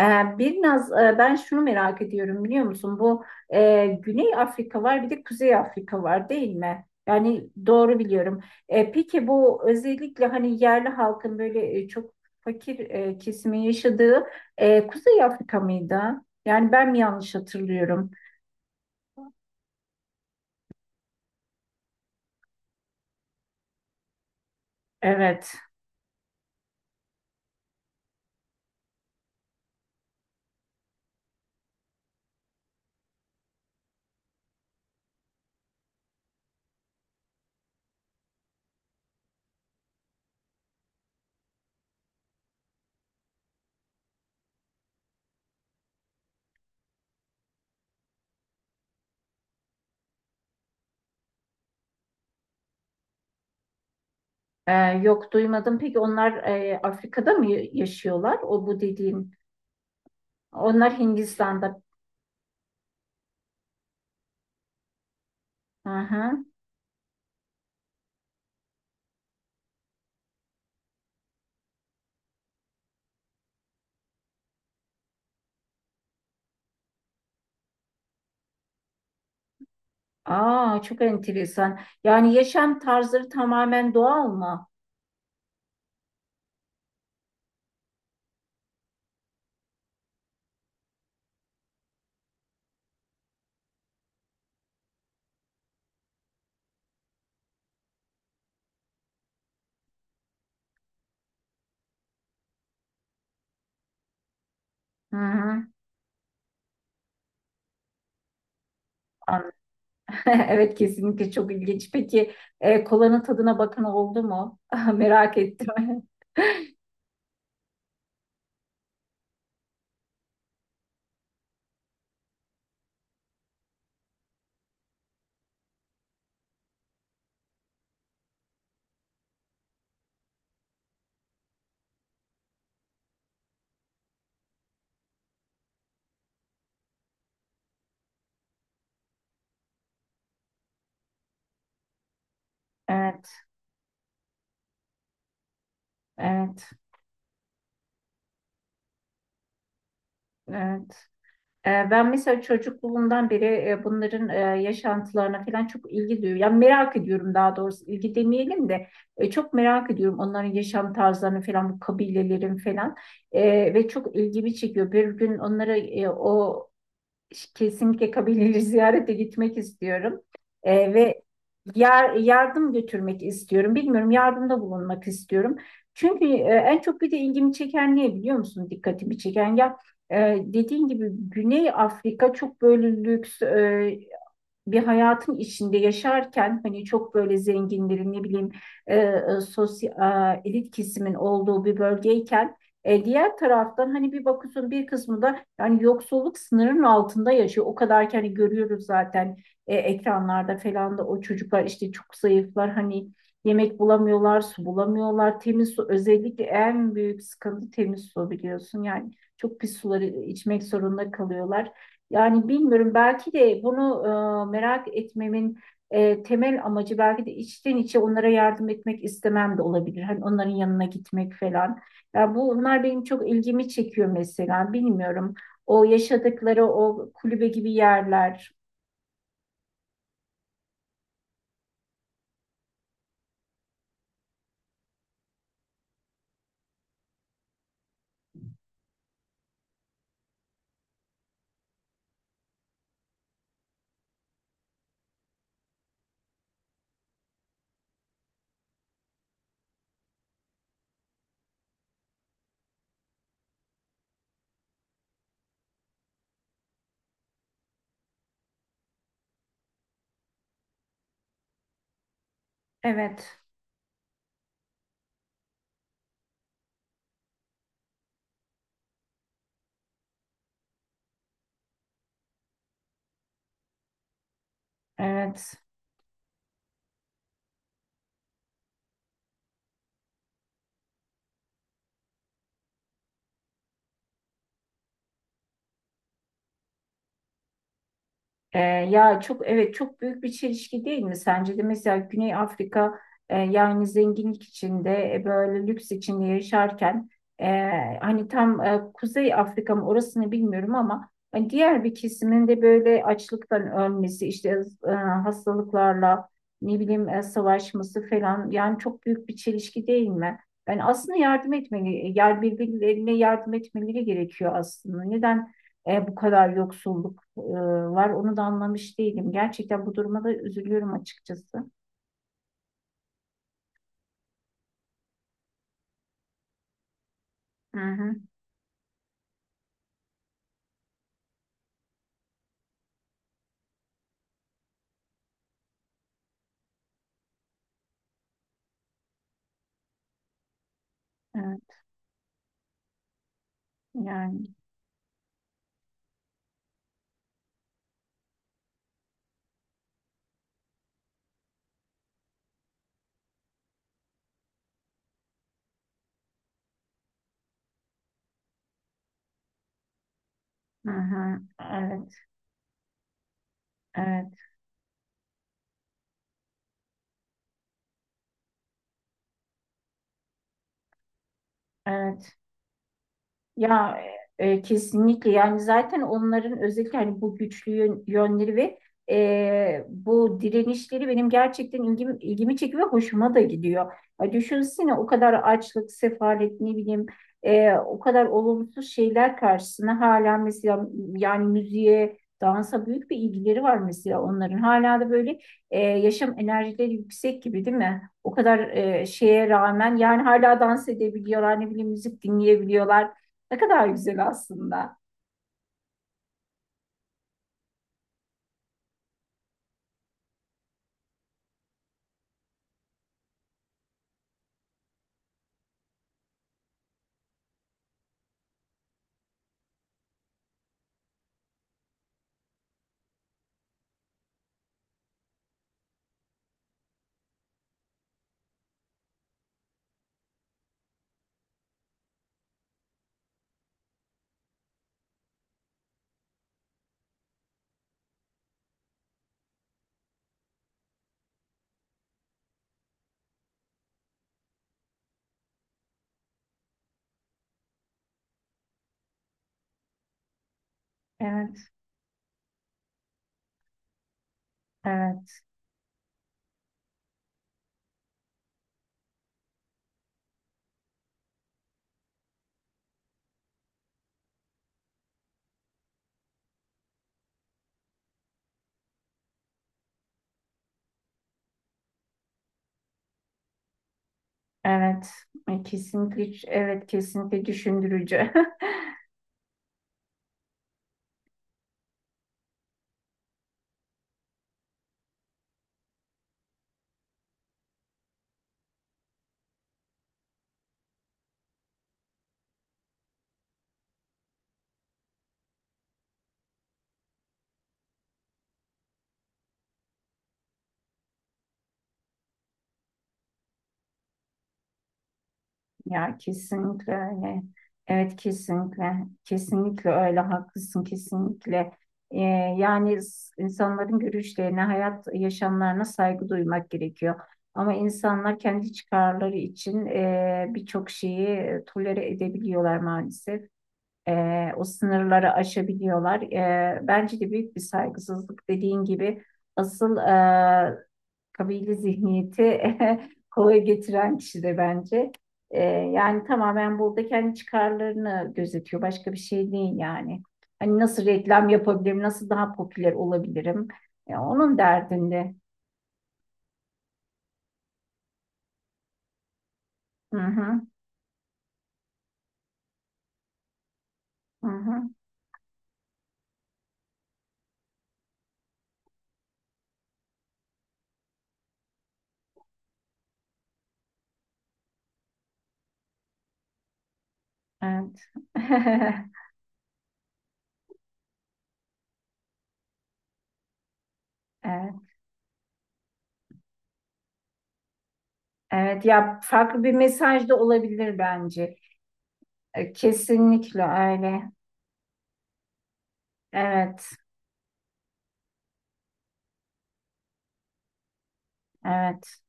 Ee, ben şunu merak ediyorum biliyor musun? Bu Güney Afrika var, bir de Kuzey Afrika var değil mi? Yani doğru biliyorum. Peki bu özellikle hani yerli halkın böyle çok fakir, kesimin yaşadığı Kuzey Afrika mıydı? Yani ben mi yanlış hatırlıyorum? Evet. E, Yok, duymadım. Peki onlar Afrika'da mı yaşıyorlar? O bu dediğin. Onlar Hindistan'da. Hı hı. Aa, çok enteresan. Yani yaşam tarzları tamamen doğal mı? Hı hı. An- Evet, kesinlikle çok ilginç. Peki kolanın tadına bakın oldu mu? Merak ettim. Evet, evet, evet. Ben mesela çocukluğumdan beri bunların yaşantılarına falan çok ilgi duyuyorum. Yani merak ediyorum, daha doğrusu ilgi demeyelim de çok merak ediyorum onların yaşam tarzlarını falan, bu kabilelerin falan. Ve çok ilgimi çekiyor. Bir gün onlara o Kesinlikle kabileleri ziyarete gitmek istiyorum. Ve yardım götürmek istiyorum. Bilmiyorum, yardımda bulunmak istiyorum. Çünkü en çok bir de ilgimi çeken ne biliyor musun? Dikkatimi çeken ya, e, dediğin gibi Güney Afrika çok böyle lüks, bir hayatın içinde yaşarken, hani çok böyle zenginlerin ne bileyim e, e, sosyal, elit kesimin olduğu bir bölgeyken, diğer taraftan hani bir bakıyorsun bir kısmı da yani yoksulluk sınırının altında yaşıyor. O kadar ki hani görüyoruz zaten ekranlarda falan da, o çocuklar işte çok zayıflar hani, yemek bulamıyorlar, su bulamıyorlar. Temiz su özellikle en büyük sıkıntı, temiz su biliyorsun. Yani çok pis suları içmek zorunda kalıyorlar. Yani bilmiyorum, belki de bunu merak etmemin temel amacı belki de içten içe onlara yardım etmek istemem de olabilir. Hani onların yanına gitmek falan. Ya, bunlar benim çok ilgimi çekiyor mesela. Bilmiyorum. O yaşadıkları o kulübe gibi yerler. Evet. Evet. Ya çok, evet, çok büyük bir çelişki değil mi sence de? Mesela Güney Afrika, yani zenginlik içinde, böyle lüks içinde yaşarken, e, hani tam Kuzey Afrika mı, orasını bilmiyorum, ama hani diğer bir kesimin de böyle açlıktan ölmesi işte, e, hastalıklarla ne bileyim savaşması falan, yani çok büyük bir çelişki değil mi? Ben aslında yardım etmeli, yer birbirlerine yardım etmeleri gerekiyor aslında. Neden bu kadar yoksulluk? e, var? Onu da anlamış değilim. Gerçekten bu duruma da üzülüyorum açıkçası. Hı hı. Evet, yani. Hı hı. Evet, evet, evet. Ya kesinlikle, yani zaten onların özellikle hani bu güçlü yönleri ve bu direnişleri benim gerçekten ilgimi çekiyor ve hoşuma da gidiyor. Ya düşünsene, o kadar açlık, sefalet, ne bileyim o kadar olumsuz şeyler karşısına, hala mesela yani müziğe, dansa büyük bir ilgileri var mesela onların. Hala da böyle yaşam enerjileri yüksek gibi, değil mi? O kadar şeye rağmen yani hala dans edebiliyorlar, ne bileyim müzik dinleyebiliyorlar. Ne kadar güzel aslında. Evet, evet, evet. Kesinlikle, evet, kesinlikle düşündürücü. Ya kesinlikle öyle. Evet, kesinlikle, kesinlikle öyle. Haklısın, kesinlikle. E, Yani insanların görüşlerine, hayat yaşamlarına saygı duymak gerekiyor. Ama insanlar kendi çıkarları için birçok şeyi tolere edebiliyorlar maalesef. O sınırları aşabiliyorlar. Bence de büyük bir saygısızlık, dediğin gibi. Asıl kabile zihniyeti kolay getiren kişi de bence. Yani tamamen burada kendi çıkarlarını gözetiyor. Başka bir şey değil yani. Hani nasıl reklam yapabilirim, nasıl daha popüler olabilirim? Onun derdinde. Hı hı, hı hı. Evet. Evet. Evet ya, farklı bir mesaj da olabilir bence. Kesinlikle öyle. Evet, evet.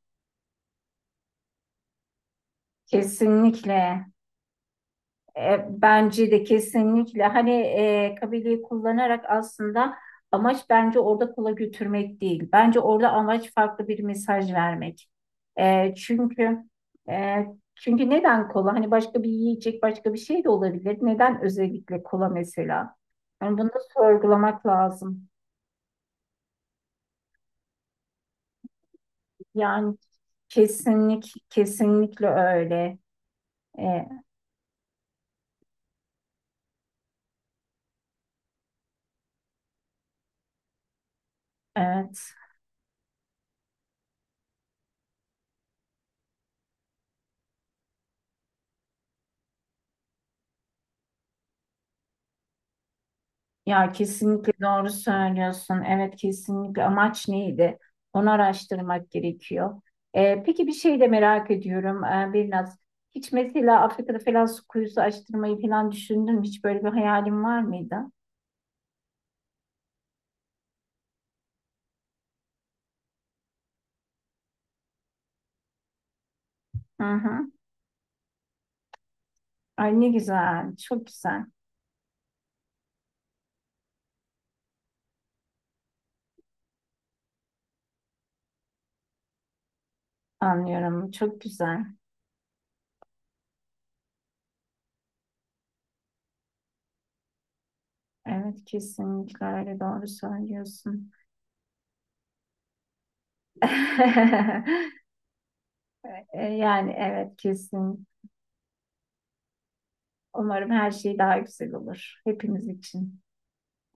Kesinlikle. Bence de kesinlikle. Hani kabileyi kullanarak, aslında amaç bence orada kola götürmek değil. Bence orada amaç farklı bir mesaj vermek. Çünkü e, çünkü neden kola? Hani başka bir yiyecek, başka bir şey de olabilir. Neden özellikle kola mesela? Yani bunu da sorgulamak lazım. Yani kesinlikle öyle. E, evet. Ya kesinlikle doğru söylüyorsun. Evet, kesinlikle, amaç neydi? Onu araştırmak gerekiyor. Peki bir şey de merak ediyorum, Birnaz. Hiç mesela Afrika'da falan su kuyusu açtırmayı falan düşündün mü? Hiç böyle bir hayalin var mıydı? Hı hı. Ay ne güzel, çok güzel. Anlıyorum, çok güzel. Evet, kesinlikle öyle, doğru söylüyorsun. Yani evet, kesin. Umarım her şey daha güzel olur hepimiz için.